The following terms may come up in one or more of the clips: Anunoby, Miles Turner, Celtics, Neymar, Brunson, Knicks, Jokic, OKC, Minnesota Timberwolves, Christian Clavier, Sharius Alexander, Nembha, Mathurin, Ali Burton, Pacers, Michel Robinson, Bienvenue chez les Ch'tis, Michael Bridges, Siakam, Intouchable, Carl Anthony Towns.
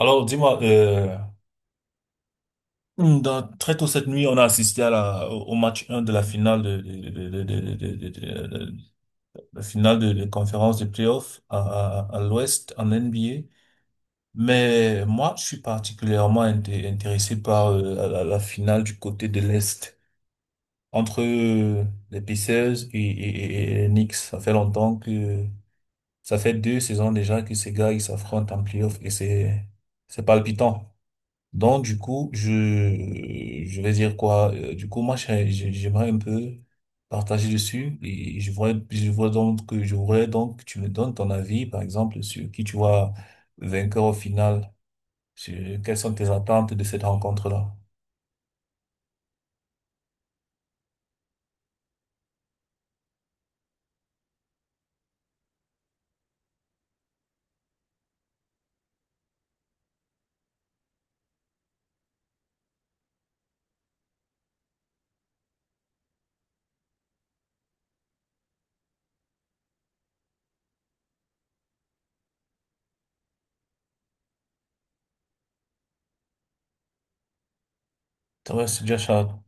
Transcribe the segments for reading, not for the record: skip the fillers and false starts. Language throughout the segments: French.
Alors, dis-moi, très tôt cette nuit, on a assisté au match un de la finale de- la finale de conférence de playoff à l'Ouest en NBA. Mais moi, je suis intéressé par la finale du côté de l'Est entre les Pacers et les Knicks. Ça fait deux saisons déjà que ces gars ils s'affrontent en playoff et c'est palpitant. Donc, du coup, je vais dire quoi? Du coup, moi, j'aimerais un peu partager dessus et je vois donc que je voudrais donc que tu me donnes ton avis, par exemple, sur qui tu vois vainqueur au final, sur quelles sont tes attentes de cette rencontre-là. Ça va, c'est déjà ça.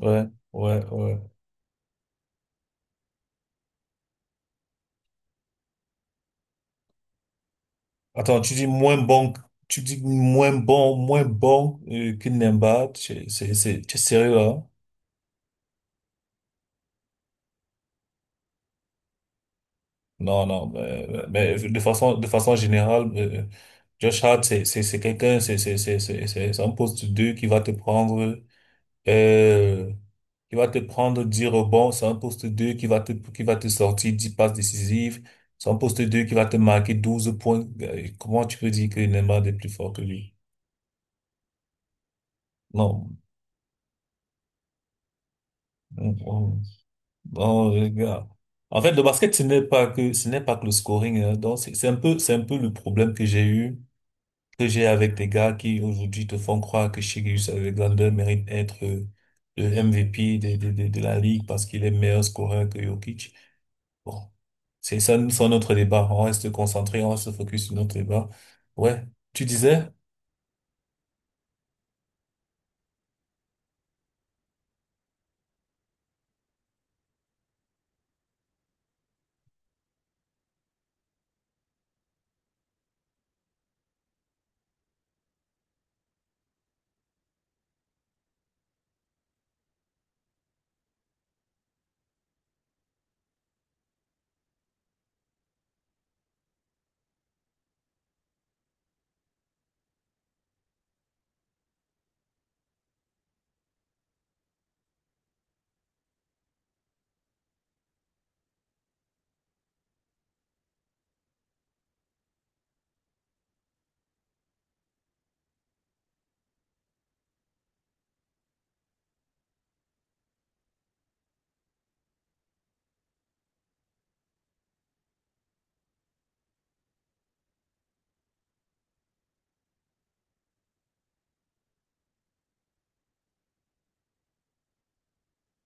Ouais, ouais, ouais. Attends, tu dis moins bon, moins bon que Nemba, tu es sérieux là? Non, non, mais, de façon générale, Josh Hart, c'est quelqu'un, c'est un poste 2 qui va te prendre, euh, qui va te prendre 10 rebonds, c'est un poste 2 qui va te sortir 10 passes décisives, c'est un poste deux qui va te marquer 12 points. Comment tu peux dire que Neymar est plus fort que lui? Non, on- on- non, regarde. En fait, le basket, ce n'est pas que le scoring, hein. Donc, c'est un peu le problème que j'ai avec des gars qui aujourd'hui te font croire que Sharius Alexander mérite d'être le MVP de la ligue parce qu'il est meilleur scoreur que Jokic. Bon, c'est ça, c'est notre débat. On reste concentré, on reste focus sur notre débat. Ouais, tu disais?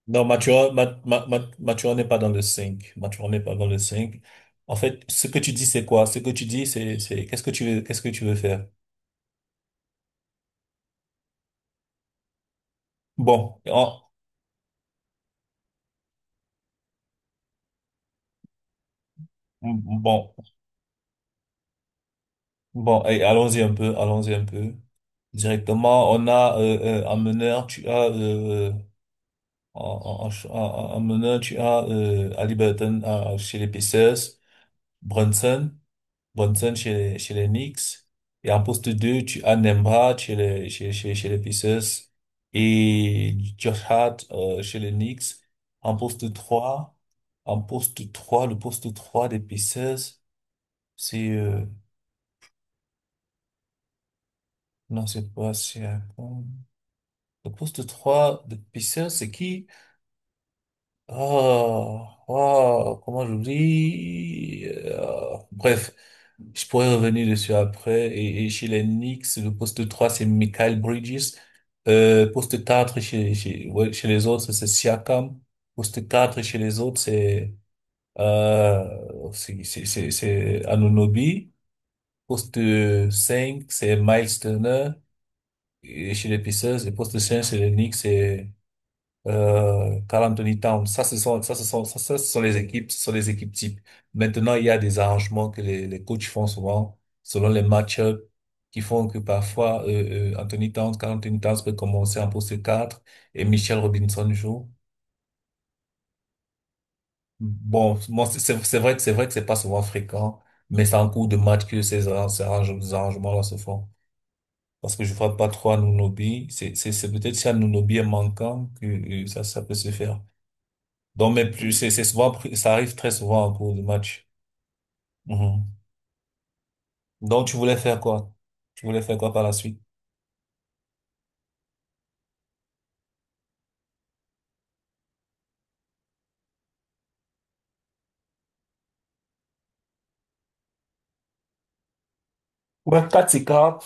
Non, Mathurin, Ma- Ma- Ma- Mathurin n'est pas dans le 5. Mathurin n'est pas dans le cinq. En fait, ce que tu dis, c'est quoi? Ce que tu dis, qu'est-ce que tu veux, qu'est-ce que tu veux faire? Bon, en- bon, Bon, et allons-y un peu. Directement, on a en meneur, tu as en, en, en ch- en- en meneur, tu as Ali Burton chez les Pacers, Brunson, Brunson chez les Knicks, et en poste 2, tu as Nembha chez les Pacers et Josh Hart chez les Knicks. En poste trois, en poste 3, le poste 3 des Pacers, c'est non, c'est pas c'est euh, le poste 3 de pisseur, c'est qui? Oh, oh, comment j'oublie? Bref, je pourrais revenir dessus après. Et chez les Knicks, le poste trois, c'est Michael Bridges. Poste quatre ouais, chez les autres, c'est Siakam. Poste 4 chez les autres, c'est Anunoby. Poste cinq, c'est Miles Turner. Et chez les Pacers, et poste 5 c'est les Knicks, c'est Carl Anthony Towns. Ça, ce sont, ça, ce sont, ça, ce sont les équipes, ce sont les équipes types. Maintenant, il y a des arrangements que les coachs font souvent selon les match-ups qui font que parfois, Carl Anthony Towns peut commencer en poste 4 et Michel Robinson joue. Bon, moi, c'est vrai que c'est pas souvent fréquent, mais c'est en cours de match que ces arrangements-là se font. Parce que je ne frappe pas trop à Nunobi. C'est peut-être si Anunoby est manquant que ça peut se faire. Donc, mais plus, c'est souvent, ça arrive très souvent en cours de match. Mhm. Donc, tu voulais faire quoi? Tu voulais faire quoi par la suite? Ouais, 4, s'écarte,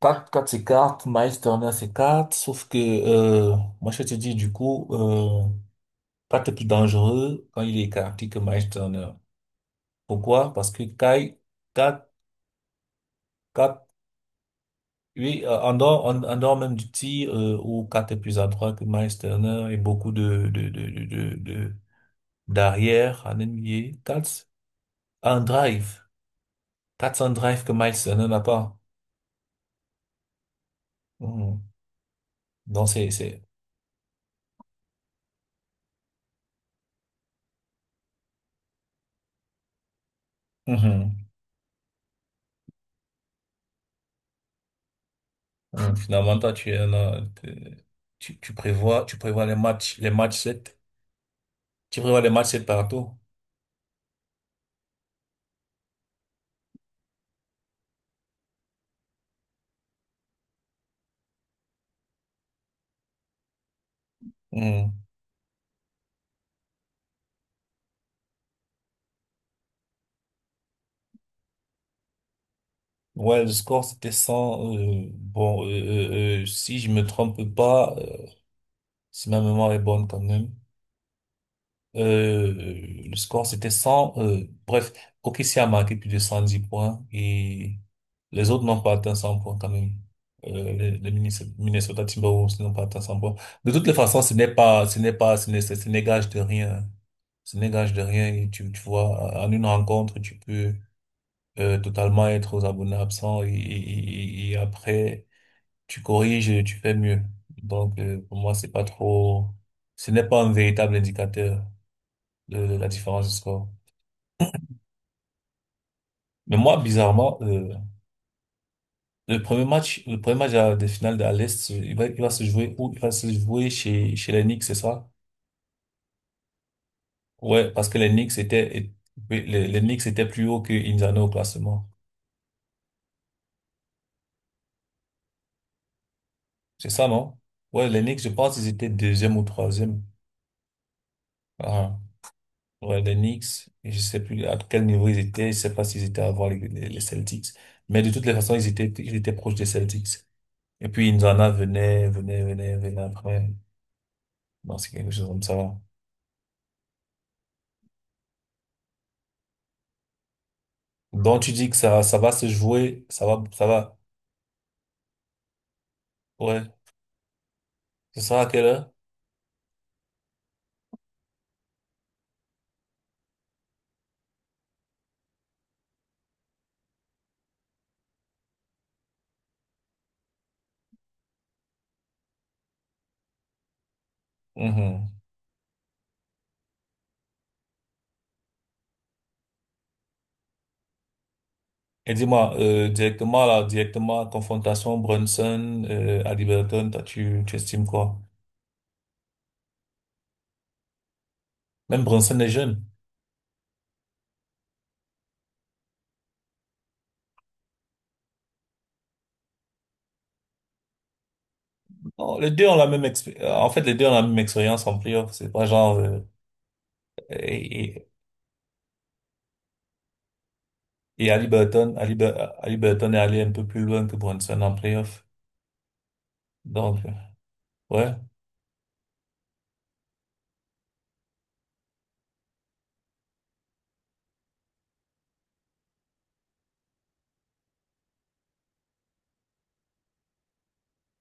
Quatre 4 s'écarte, Miles Turner s'écarte, sauf que moi je te dis du coup, Kat est plus dangereux quand il est écarté que Miles Turner. Pourquoi? Parce que Kat, Kat, oui en dehors, en dehors même du tir où Kat est plus adroit que Miles Turner et beaucoup d'arrière en NBA, Kat un drive. That's un drive que Miles n'en a pas. Mhm. Donc, mhm. Mhm. Finalement, toi, tu es là, t'es- tu prévois, les matchs sept. Tu prévois les matchs 7 partout. Mhm. Ouais, le score, c'était 100 bon, si je me trompe pas, si ma mémoire est bonne quand même. Euh, le score, c'était 100 bref, OKC a marqué plus de 110 points et les autres n'ont pas atteint 100 points quand même. Les Minnesota Timberwolves n'ont pas atteint 100 points. De toutes les façons, ce n'est gage de rien. Ce n'est gage de rien. Et tu vois, en une rencontre, tu peux totalement être aux abonnés absents et après, tu corriges et tu fais mieux. Donc, pour moi, c'est pas trop, ce n'est pas un véritable indicateur la différence de score. Mais moi, bizarrement, le premier match des finales de l'Est, il va se jouer où? Il va se jouer chez les Knicks, c'est ça? Ouais, parce que les Knicks étaient, et- Oui, les Knicks étaient plus haut que Indiana au classement. C'est ça, non? Ouais, les Knicks, je pense qu'ils étaient deuxième ou troisième. Ah, ouais, les Knicks, et je sais plus à quel niveau ils étaient, je sais pas s'ils étaient avant les Celtics. Mais de toutes les façons, ils étaient proches des Celtics. Et puis, Indiana venait après. Non, c'est quelque chose comme ça. Donc, tu dis que ça va se jouer, ça va, ouais. Ce sera à quelle heure? Mhm. Et dis-moi, directement, confrontation Brunson, à Liberton, toi, tu estimes quoi? Même Brunson est jeune. Non, les deux ont la même expé- en fait, les deux ont la même expérience en playoff. C'est pas genre, et, et, et Ali Burton, Ali Burton est allé un peu plus loin que Brunson en playoff. Donc, ouais.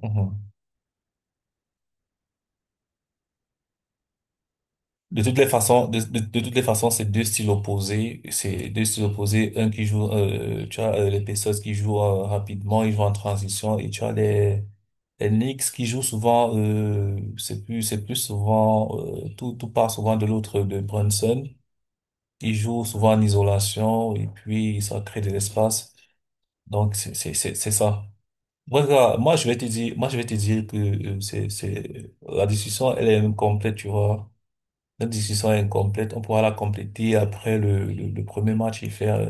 Mhm. De toutes les façons, de toutes les façons, c'est deux styles opposés. C'est deux styles opposés. Un qui joue, tu as les Pacers qui jouent rapidement, ils jouent en transition, et tu as les Knicks qui jouent souvent c'est plus souvent tout part souvent de l'autre de Brunson. Ils jouent souvent en isolation et puis ça crée de l'espace. Donc c'est ça. Moi, regarde, moi je vais te dire que c'est la discussion elle est même complète, tu vois. Notre discussion est incomplète. On pourra la compléter après le premier match et faire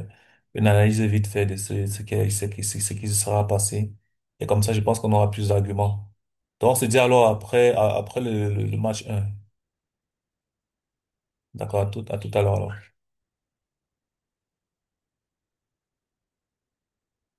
une analyse vite fait de ce qui se sera passé. Et comme ça, je pense qu'on aura plus d'arguments. Donc, on se dit alors après, après le le match un. D'accord, à tout à l'heure alors.